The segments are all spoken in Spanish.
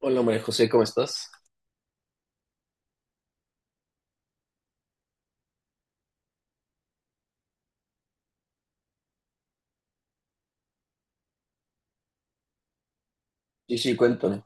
Hola María José, ¿cómo estás? Sí, sí, cuéntame.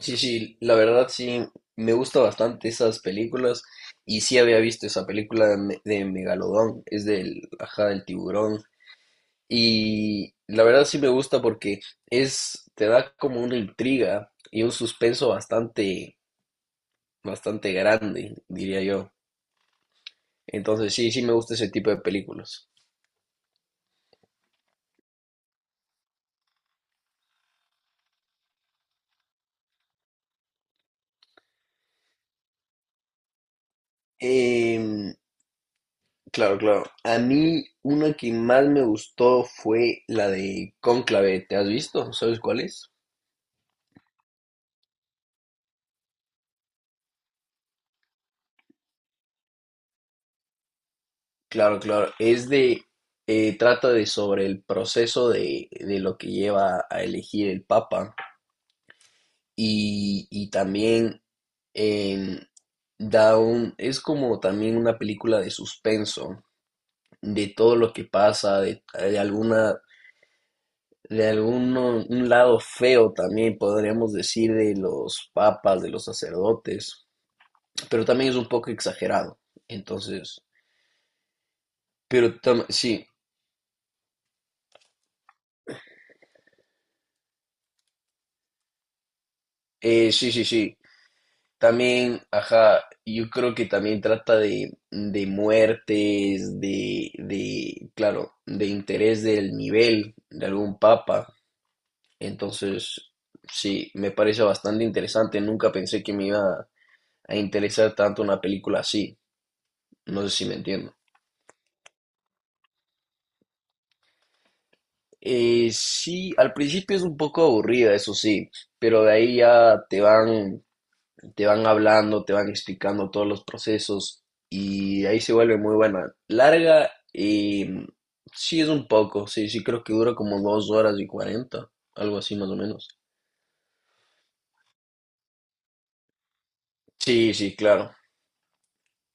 Sí, sí, la verdad sí, me gusta bastante esas películas y sí había visto esa película de, de Megalodón, es del, ajá, del tiburón y la verdad sí me gusta porque es, te da como una intriga y un suspenso bastante, bastante grande, diría yo. Entonces sí, sí me gusta ese tipo de películas. Em, Claro, claro. A mí una que más me gustó fue la de Cónclave. ¿Te has visto? ¿Sabes cuál es? Claro, claro. Es de, trata de sobre el proceso de lo que lleva a elegir el Papa y también em, da un, es como también una película de suspenso, de todo lo que pasa, de alguna, de alguno un lado feo también podríamos decir de los papas, de los sacerdotes, pero también es un poco exagerado. Entonces, sí, sí, sí, sí. También, ajá, yo creo que también trata de muertes, de, claro, de interés del nivel de algún papa. Entonces, sí, me parece bastante interesante. Nunca pensé que me iba a interesar tanto una película así. No sé si me entiendo. Sí, al principio es un poco aburrida, eso sí, pero de ahí ya te van hablando, te van explicando todos los procesos y ahí se vuelve muy buena. Larga y sí es un poco, sí, sí creo que dura como dos horas y cuarenta, algo así más o menos. Sí, sí, claro.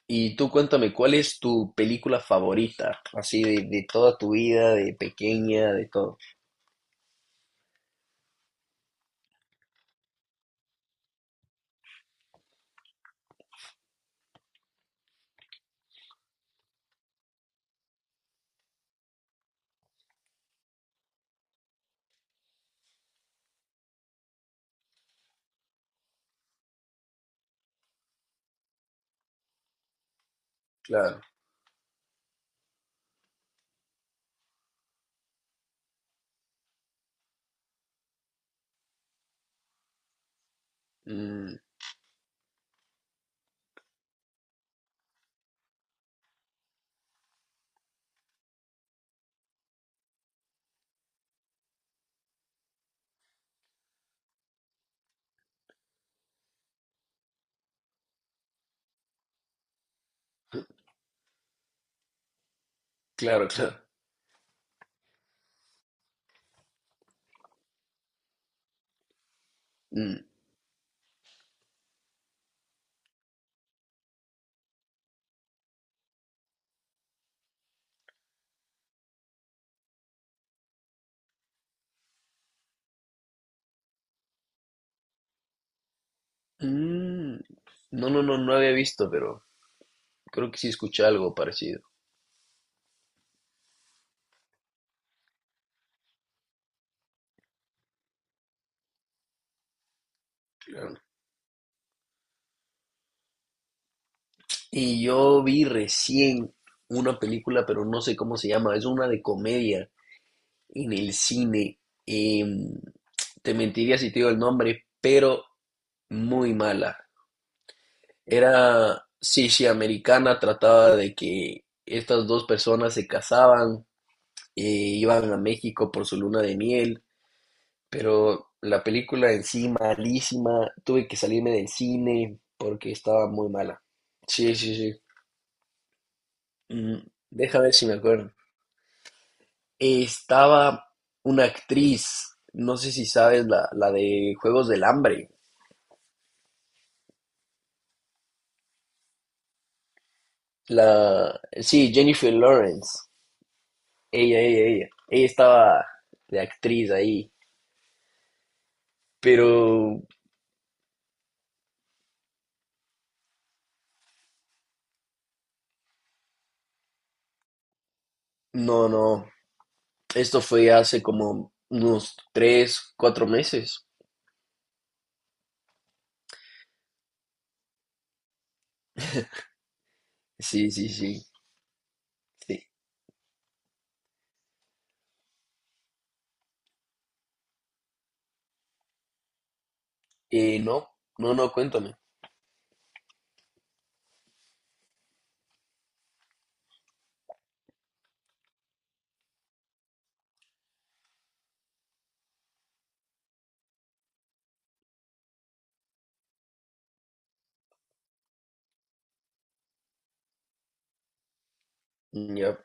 Y tú cuéntame, ¿cuál es tu película favorita? Así de toda tu vida, de pequeña, de todo. Claro. Mm, claro, claro. Mm, mm. No, no, no, no había visto, pero creo que sí escuché algo parecido. Y yo vi recién una película, pero no sé cómo se llama, es una de comedia en el cine. Em, Te mentiría si te digo el nombre, pero muy mala. Era, sí, sí, americana, trataba de que estas dos personas se casaban, iban a México por su luna de miel, pero la película en sí malísima, tuve que salirme del cine porque estaba muy mala. Sí, sí, sí. Mm, Deja ver si me acuerdo. Estaba una actriz, no sé si sabes, la de Juegos del Hambre. La, sí, Jennifer Lawrence. Ella estaba de actriz ahí. Pero no, no. Esto fue hace como unos tres, cuatro meses. Sí, sí, sí. Sí. No, no, no, cuéntame. Ya,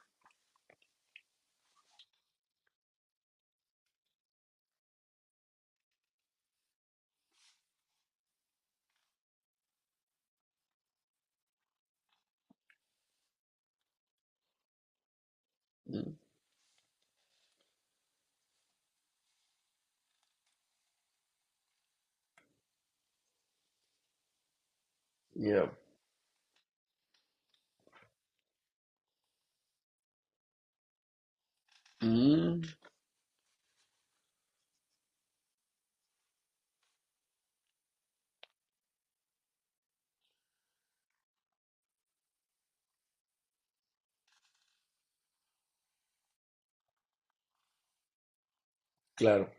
mm, ya. Mm, claro.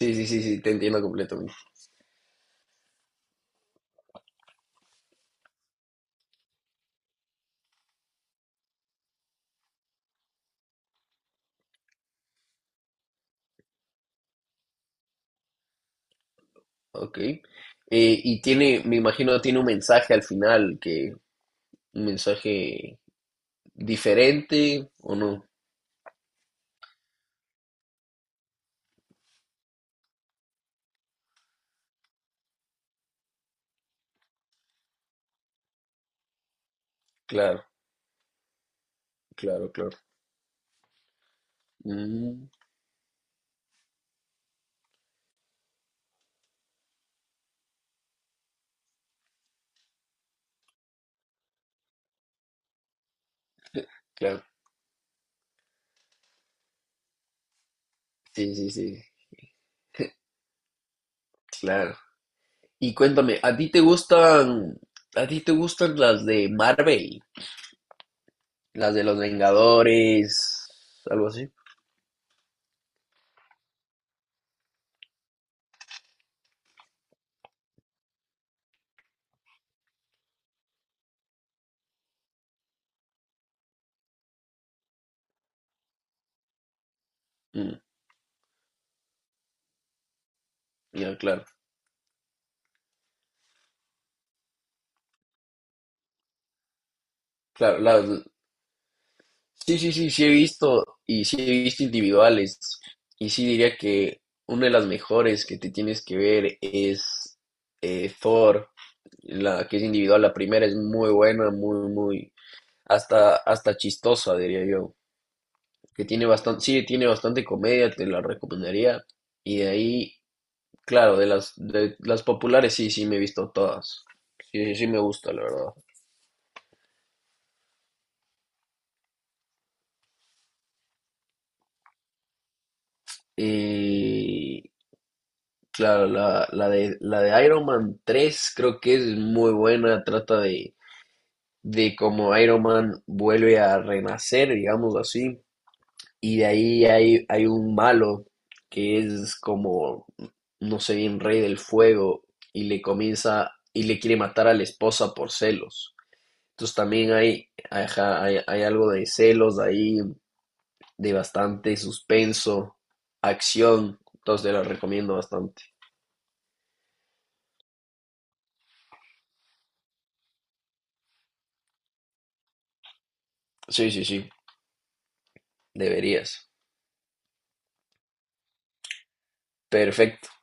Sí, sí, sí, sí, te entiendo completamente. Ok. Y tiene, me imagino, tiene un mensaje al final, que un mensaje diferente o no. Claro, claro, claro. Mm, claro. Sí, sí, sí. Claro. Y cuéntame, ¿a ti te gustan las de Marvel, las de los Vengadores, algo así? Mm, ya, claro, claro, las, sí, sí, sí, sí he visto y sí he visto individuales. Y sí diría que una de las mejores que te tienes que ver es Thor, la que es individual. La primera es muy buena, muy, muy, hasta, hasta chistosa, diría yo. Que tiene bastante, sí, tiene bastante comedia, te la recomendaría. Y de ahí, claro, de las populares sí, sí me he visto todas. Sí, sí, sí me gusta, la verdad. Eh, Claro, la, la de Iron Man 3 creo que es muy buena, trata de cómo Iron Man vuelve a renacer, digamos así, y de ahí hay, hay un malo que es como, no sé bien, rey del fuego, y le comienza y le quiere matar a la esposa por celos. Entonces también hay, ajá, hay algo de celos ahí, de bastante suspenso, acción, entonces te la recomiendo bastante. Sí, sí, sí, deberías. Perfecto.